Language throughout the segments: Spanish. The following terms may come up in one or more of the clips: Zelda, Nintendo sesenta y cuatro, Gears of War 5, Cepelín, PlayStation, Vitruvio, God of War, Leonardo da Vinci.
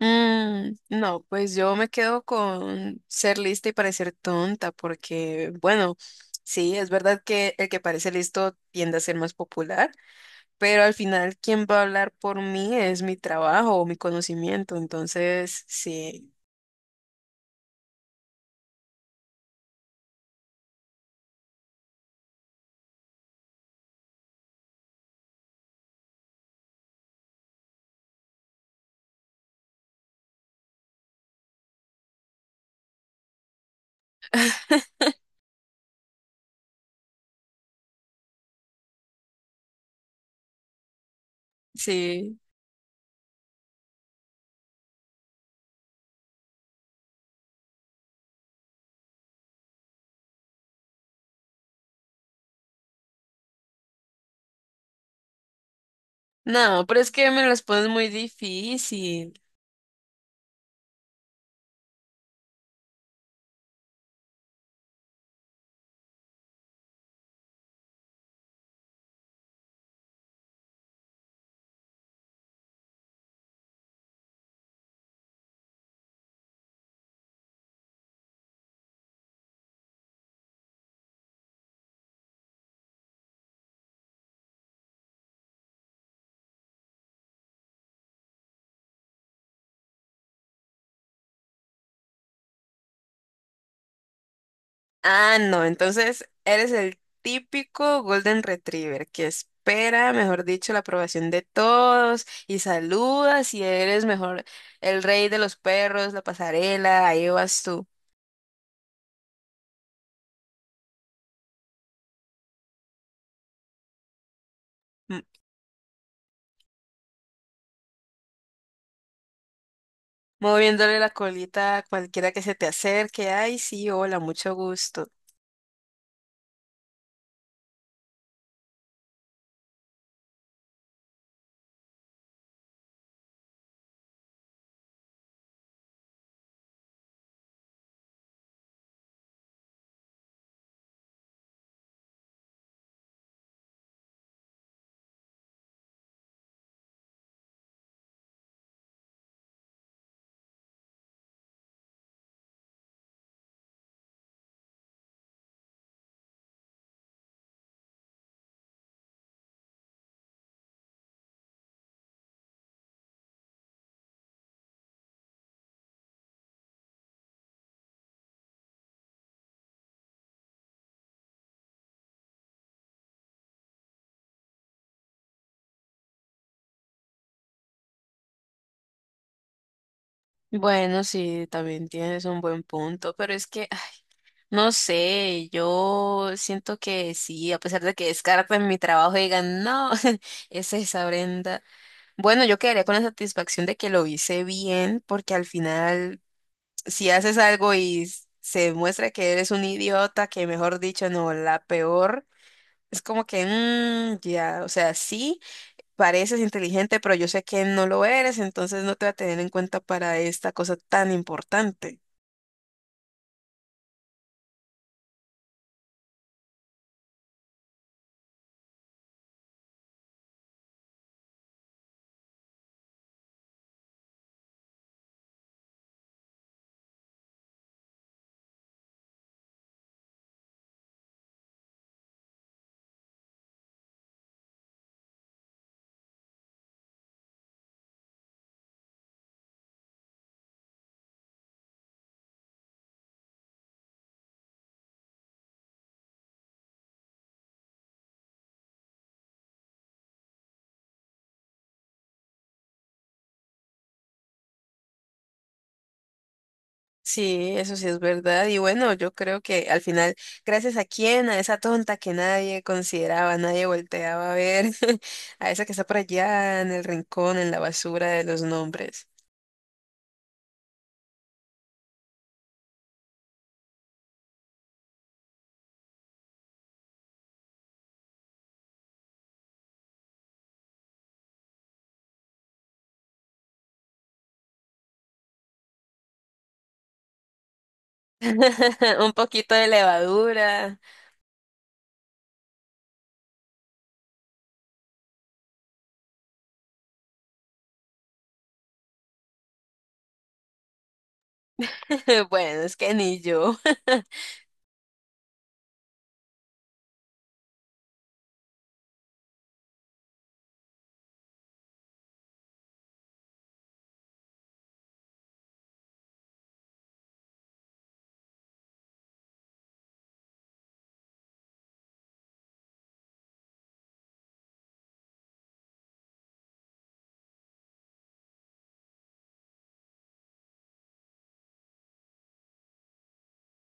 Mm, no, pues yo me quedo con ser lista y parecer tonta, porque bueno, sí, es verdad que el que parece listo tiende a ser más popular, pero al final quien va a hablar por mí es mi trabajo o mi conocimiento, entonces sí, sí. No, pero es que me las pones muy difícil. Ah, no, entonces eres el típico Golden Retriever que espera, mejor dicho, la aprobación de todos y saludas y eres mejor el rey de los perros, la pasarela, ahí vas tú, m- moviéndole la colita a cualquiera que se te acerque. Ay, sí, hola, mucho gusto. Bueno, sí, también tienes un buen punto, pero es que, no sé, yo siento que sí, a pesar de que descarten mi trabajo y digan, no, es esa Brenda. Bueno, yo quedaría con la satisfacción de que lo hice bien, porque al final, si haces algo y se demuestra que eres un idiota, que mejor dicho, no, la peor, es como que, ya, o sea, sí, pareces inteligente, pero yo sé que no lo eres, entonces no te voy a tener en cuenta para esta cosa tan importante. Sí, eso sí es verdad. Y bueno, yo creo que al final, gracias a quién, a esa tonta que nadie consideraba, nadie volteaba a ver, a esa que está por allá en el rincón, en la basura de los nombres. Un poquito de levadura. Bueno, es que ni yo.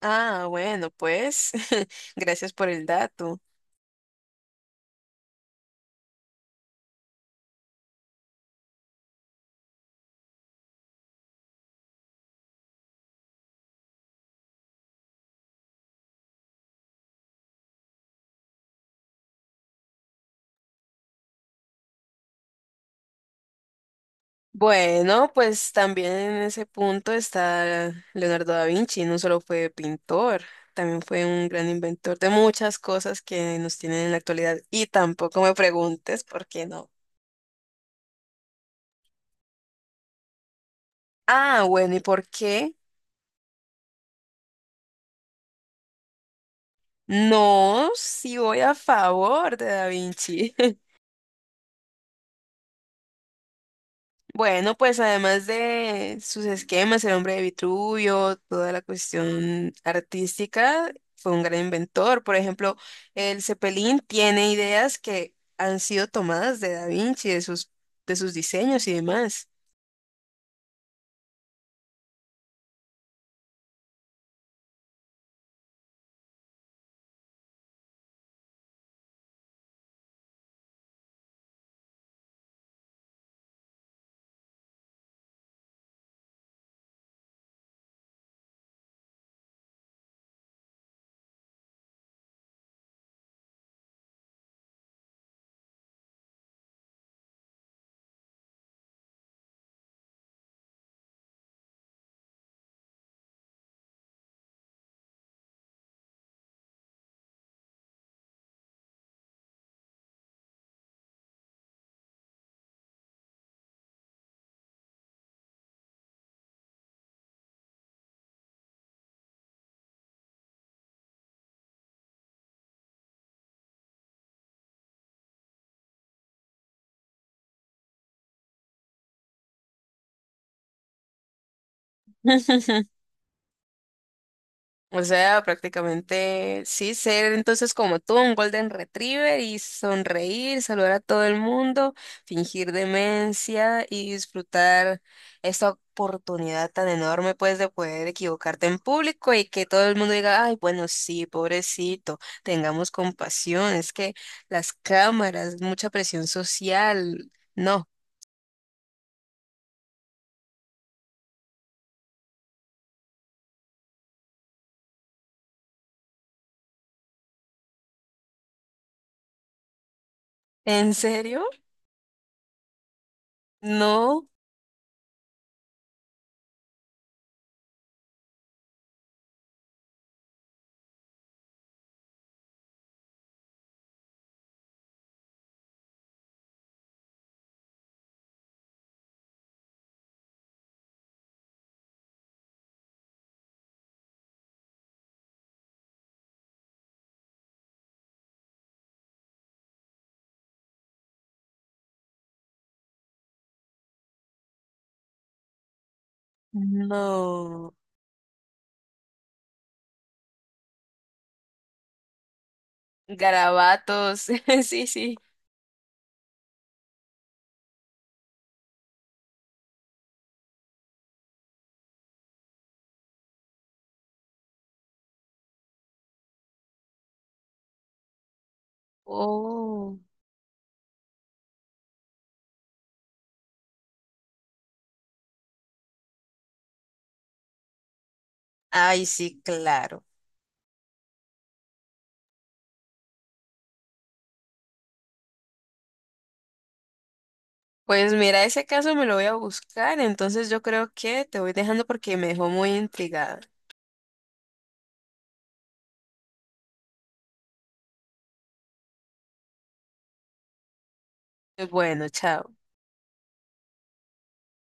Ah, bueno, pues, gracias por el dato. Bueno, pues también en ese punto está Leonardo da Vinci, no solo fue pintor, también fue un gran inventor de muchas cosas que nos tienen en la actualidad. Y tampoco me preguntes por qué no. Ah, bueno, ¿y por qué? No, si voy a favor de da Vinci. Bueno, pues además de sus esquemas, el hombre de Vitruvio, toda la cuestión artística, fue un gran inventor. Por ejemplo, el Cepelín tiene ideas que han sido tomadas de Da Vinci, de sus diseños y demás. O sea, prácticamente sí, ser entonces como tú, un golden retriever y sonreír, saludar a todo el mundo, fingir demencia y disfrutar esta oportunidad tan enorme pues de poder equivocarte en público y que todo el mundo diga, ay, bueno, sí, pobrecito, tengamos compasión, es que las cámaras, mucha presión social, no, ¿en serio? No, no, garabatos, sí, sí. Oh. Ay, sí, claro. Pues mira, ese caso me lo voy a buscar, entonces yo creo que te voy dejando porque me dejó muy intrigada. Bueno, chao.